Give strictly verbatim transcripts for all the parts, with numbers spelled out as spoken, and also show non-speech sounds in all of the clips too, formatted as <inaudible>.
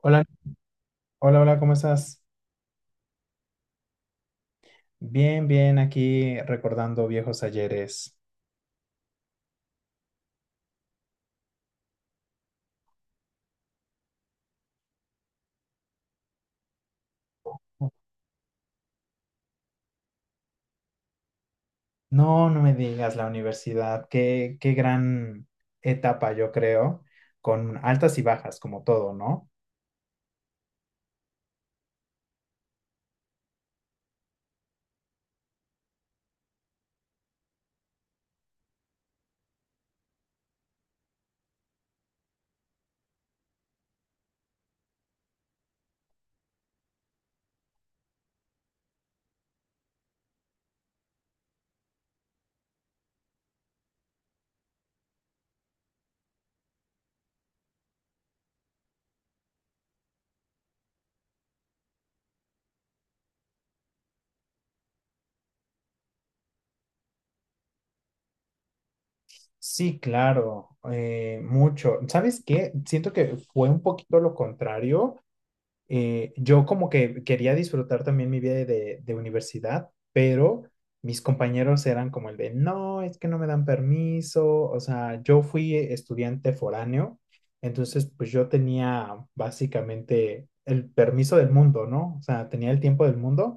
Hola, hola, hola, ¿cómo estás? Bien, bien, aquí recordando viejos ayeres. No, no me digas la universidad, qué, qué gran etapa, yo creo, con altas y bajas, como todo, ¿no? Sí, claro, eh, mucho. ¿Sabes qué? Siento que fue un poquito lo contrario. Eh, yo como que quería disfrutar también mi vida de, de universidad, pero mis compañeros eran como el de, no, es que no me dan permiso, o sea, yo fui estudiante foráneo, entonces pues yo tenía básicamente el permiso del mundo, ¿no? O sea, tenía el tiempo del mundo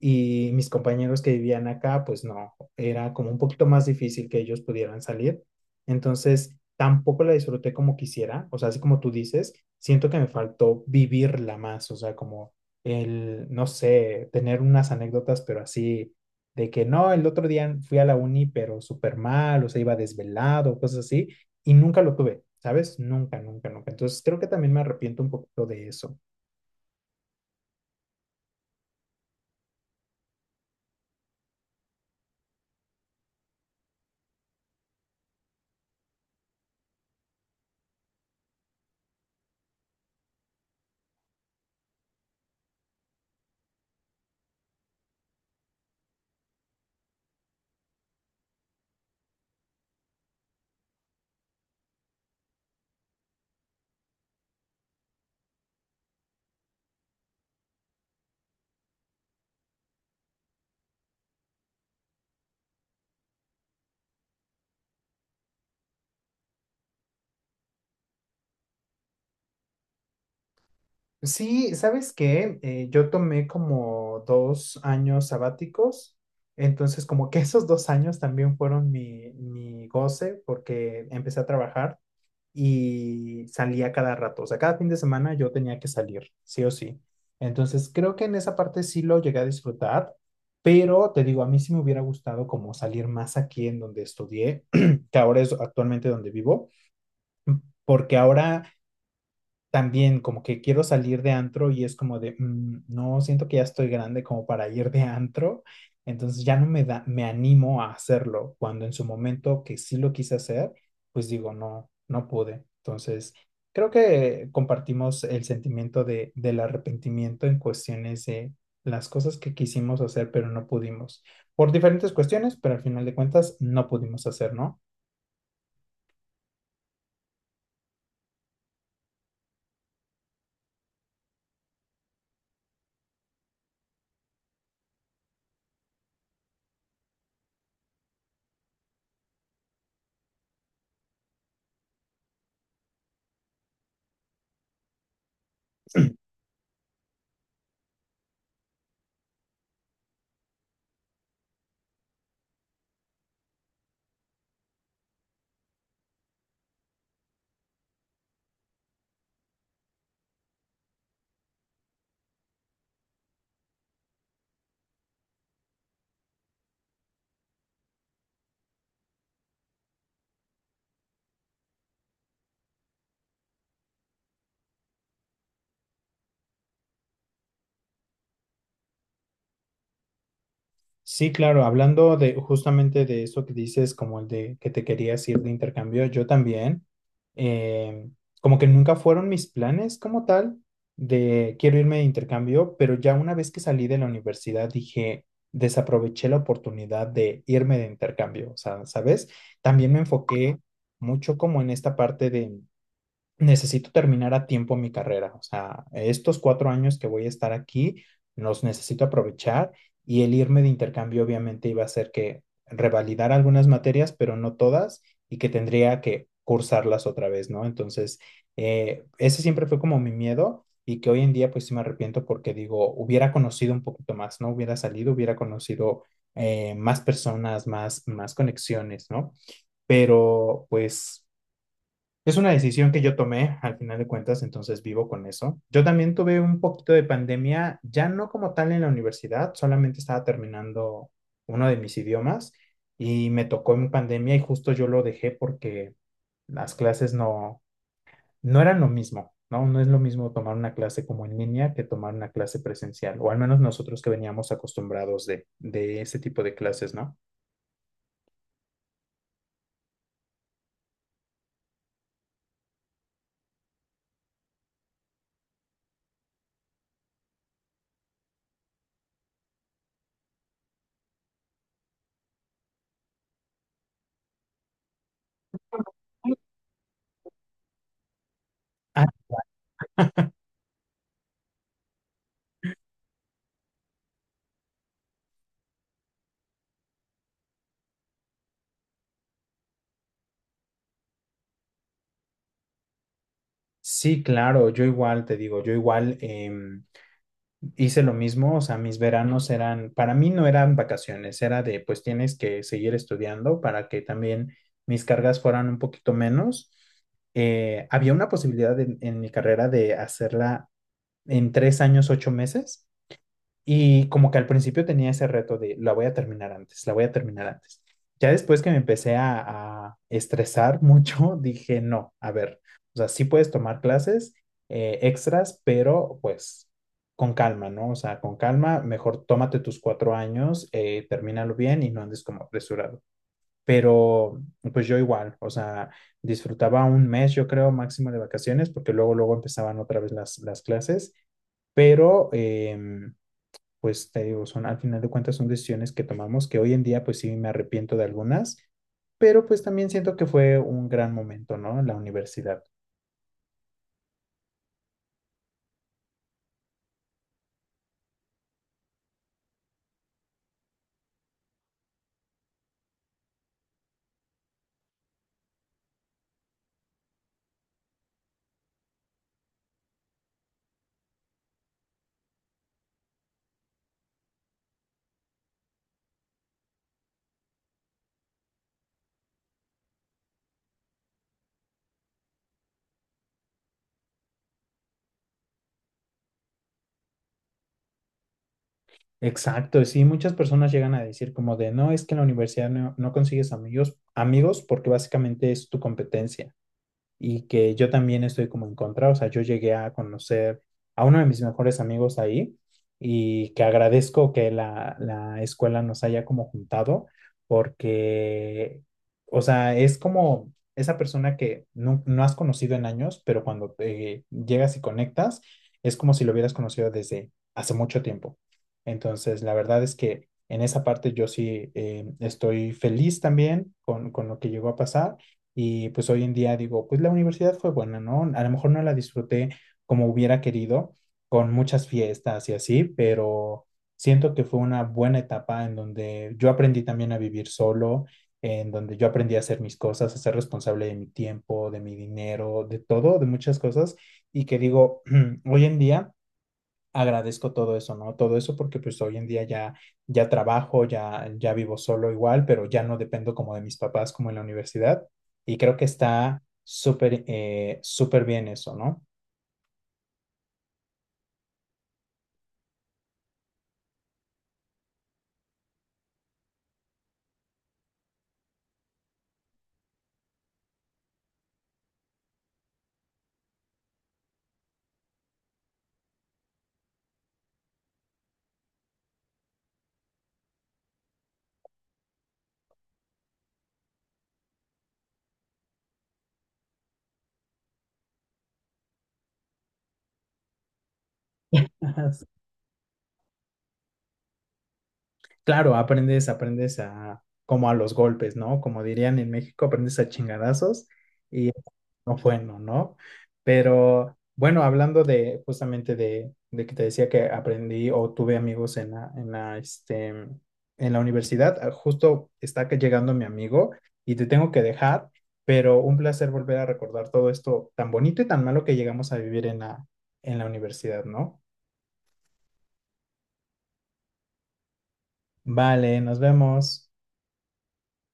y mis compañeros que vivían acá, pues no, era como un poquito más difícil que ellos pudieran salir, entonces tampoco la disfruté como quisiera, o sea, así como tú dices siento que me faltó vivirla más, o sea, como el, no sé, tener unas anécdotas, pero así, de que no, el otro día fui a la uni, pero súper mal, o sea, iba desvelado, cosas así, y nunca lo tuve, ¿sabes? Nunca, nunca, nunca. Entonces, creo que también me arrepiento un poquito de eso. Sí, ¿sabes qué? Eh, yo tomé como dos años sabáticos. Entonces, como que esos dos años también fueron mi, mi goce porque empecé a trabajar y salía cada rato. O sea, cada fin de semana yo tenía que salir, sí o sí. Entonces, creo que en esa parte sí lo llegué a disfrutar, pero te digo, a mí sí me hubiera gustado como salir más aquí en donde estudié, <clears throat> que ahora es actualmente donde vivo, porque ahora también como que quiero salir de antro y es como de, "Mm, no, siento que ya estoy grande como para ir de antro, entonces ya no me da, me animo a hacerlo, cuando en su momento que sí lo quise hacer, pues digo, no, no pude. Entonces, creo que compartimos el sentimiento de, del arrepentimiento en cuestiones de las cosas que quisimos hacer, pero no pudimos, por diferentes cuestiones, pero al final de cuentas no pudimos hacer, ¿no? Sí, claro, hablando de justamente de eso que dices, como el de que te querías ir de intercambio, yo también, eh, como que nunca fueron mis planes como tal de quiero irme de intercambio, pero ya una vez que salí de la universidad dije, desaproveché la oportunidad de irme de intercambio, o sea, ¿sabes? También me enfoqué mucho como en esta parte de necesito terminar a tiempo mi carrera. O sea, estos cuatro años que voy a estar aquí, los necesito aprovechar y el irme de intercambio obviamente iba a ser que revalidar algunas materias, pero no todas, y que tendría que cursarlas otra vez, ¿no? Entonces, eh, ese siempre fue como mi miedo y que hoy en día pues sí me arrepiento porque digo, hubiera conocido un poquito más, ¿no? Hubiera salido, hubiera conocido eh, más personas, más, más conexiones, ¿no? Pero pues es una decisión que yo tomé al final de cuentas, entonces vivo con eso. Yo también tuve un poquito de pandemia, ya no como tal en la universidad, solamente estaba terminando uno de mis idiomas y me tocó en pandemia y justo yo lo dejé porque las clases no, no eran lo mismo, ¿no? No es lo mismo tomar una clase como en línea que tomar una clase presencial, o al menos nosotros que veníamos acostumbrados de, de ese tipo de clases, ¿no? Ah, sí, claro, yo igual te digo, yo igual em, hice lo mismo, o sea, mis veranos eran, para mí no eran vacaciones, era de, pues tienes que seguir estudiando para que también mis cargas fueran un poquito menos. Eh, había una posibilidad en, en mi carrera de hacerla en tres años, ocho meses, y como que al principio tenía ese reto de la voy a terminar antes, la voy a terminar antes. Ya después que me empecé a, a estresar mucho, <laughs> dije, no, a ver, o sea, sí puedes tomar clases eh, extras, pero pues con calma, ¿no? O sea, con calma, mejor tómate tus cuatro años, eh, termínalo bien y no andes como apresurado. Pero pues yo igual, o sea, disfrutaba un mes, yo creo, máximo de vacaciones, porque luego, luego empezaban otra vez las, las clases, pero eh, pues te digo, son al final de cuentas son decisiones que tomamos que hoy en día pues sí me arrepiento de algunas, pero pues también siento que fue un gran momento, ¿no? La universidad. Exacto, sí, muchas personas llegan a decir como de, no, es que en la universidad no, no consigues amigos, amigos porque básicamente es tu competencia. Y que yo también estoy como en contra. O sea, yo llegué a conocer a uno de mis mejores amigos ahí y que agradezco que la, la escuela nos haya como juntado porque, o sea, es como esa persona que no, no has conocido en años, pero cuando eh, llegas y conectas, es como si lo hubieras conocido desde hace mucho tiempo. Entonces, la verdad es que en esa parte yo sí eh, estoy feliz también con, con lo que llegó a pasar y pues hoy en día digo, pues la universidad fue buena, ¿no? A lo mejor no la disfruté como hubiera querido, con muchas fiestas y así, pero siento que fue una buena etapa en donde yo aprendí también a vivir solo, en donde yo aprendí a hacer mis cosas, a ser responsable de mi tiempo, de mi dinero, de todo, de muchas cosas, y que digo, <clears throat> hoy en día agradezco todo eso, ¿no? Todo eso porque pues hoy en día ya, ya trabajo, ya, ya vivo solo igual, pero ya no dependo como de mis papás como en la universidad y creo que está súper, eh, súper bien eso, ¿no? Ajá. Claro, aprendes, aprendes a, como a los golpes, ¿no? Como dirían en México, aprendes a chingadazos. No, bueno, ¿no? Pero bueno, hablando de justamente de, de que te decía que aprendí o tuve amigos en la, en la, este, en la universidad, ah, justo está que llegando mi amigo y te tengo que dejar, pero un placer volver a recordar todo esto tan bonito y tan malo que llegamos a vivir en la, en la universidad, ¿no? Vale, nos vemos.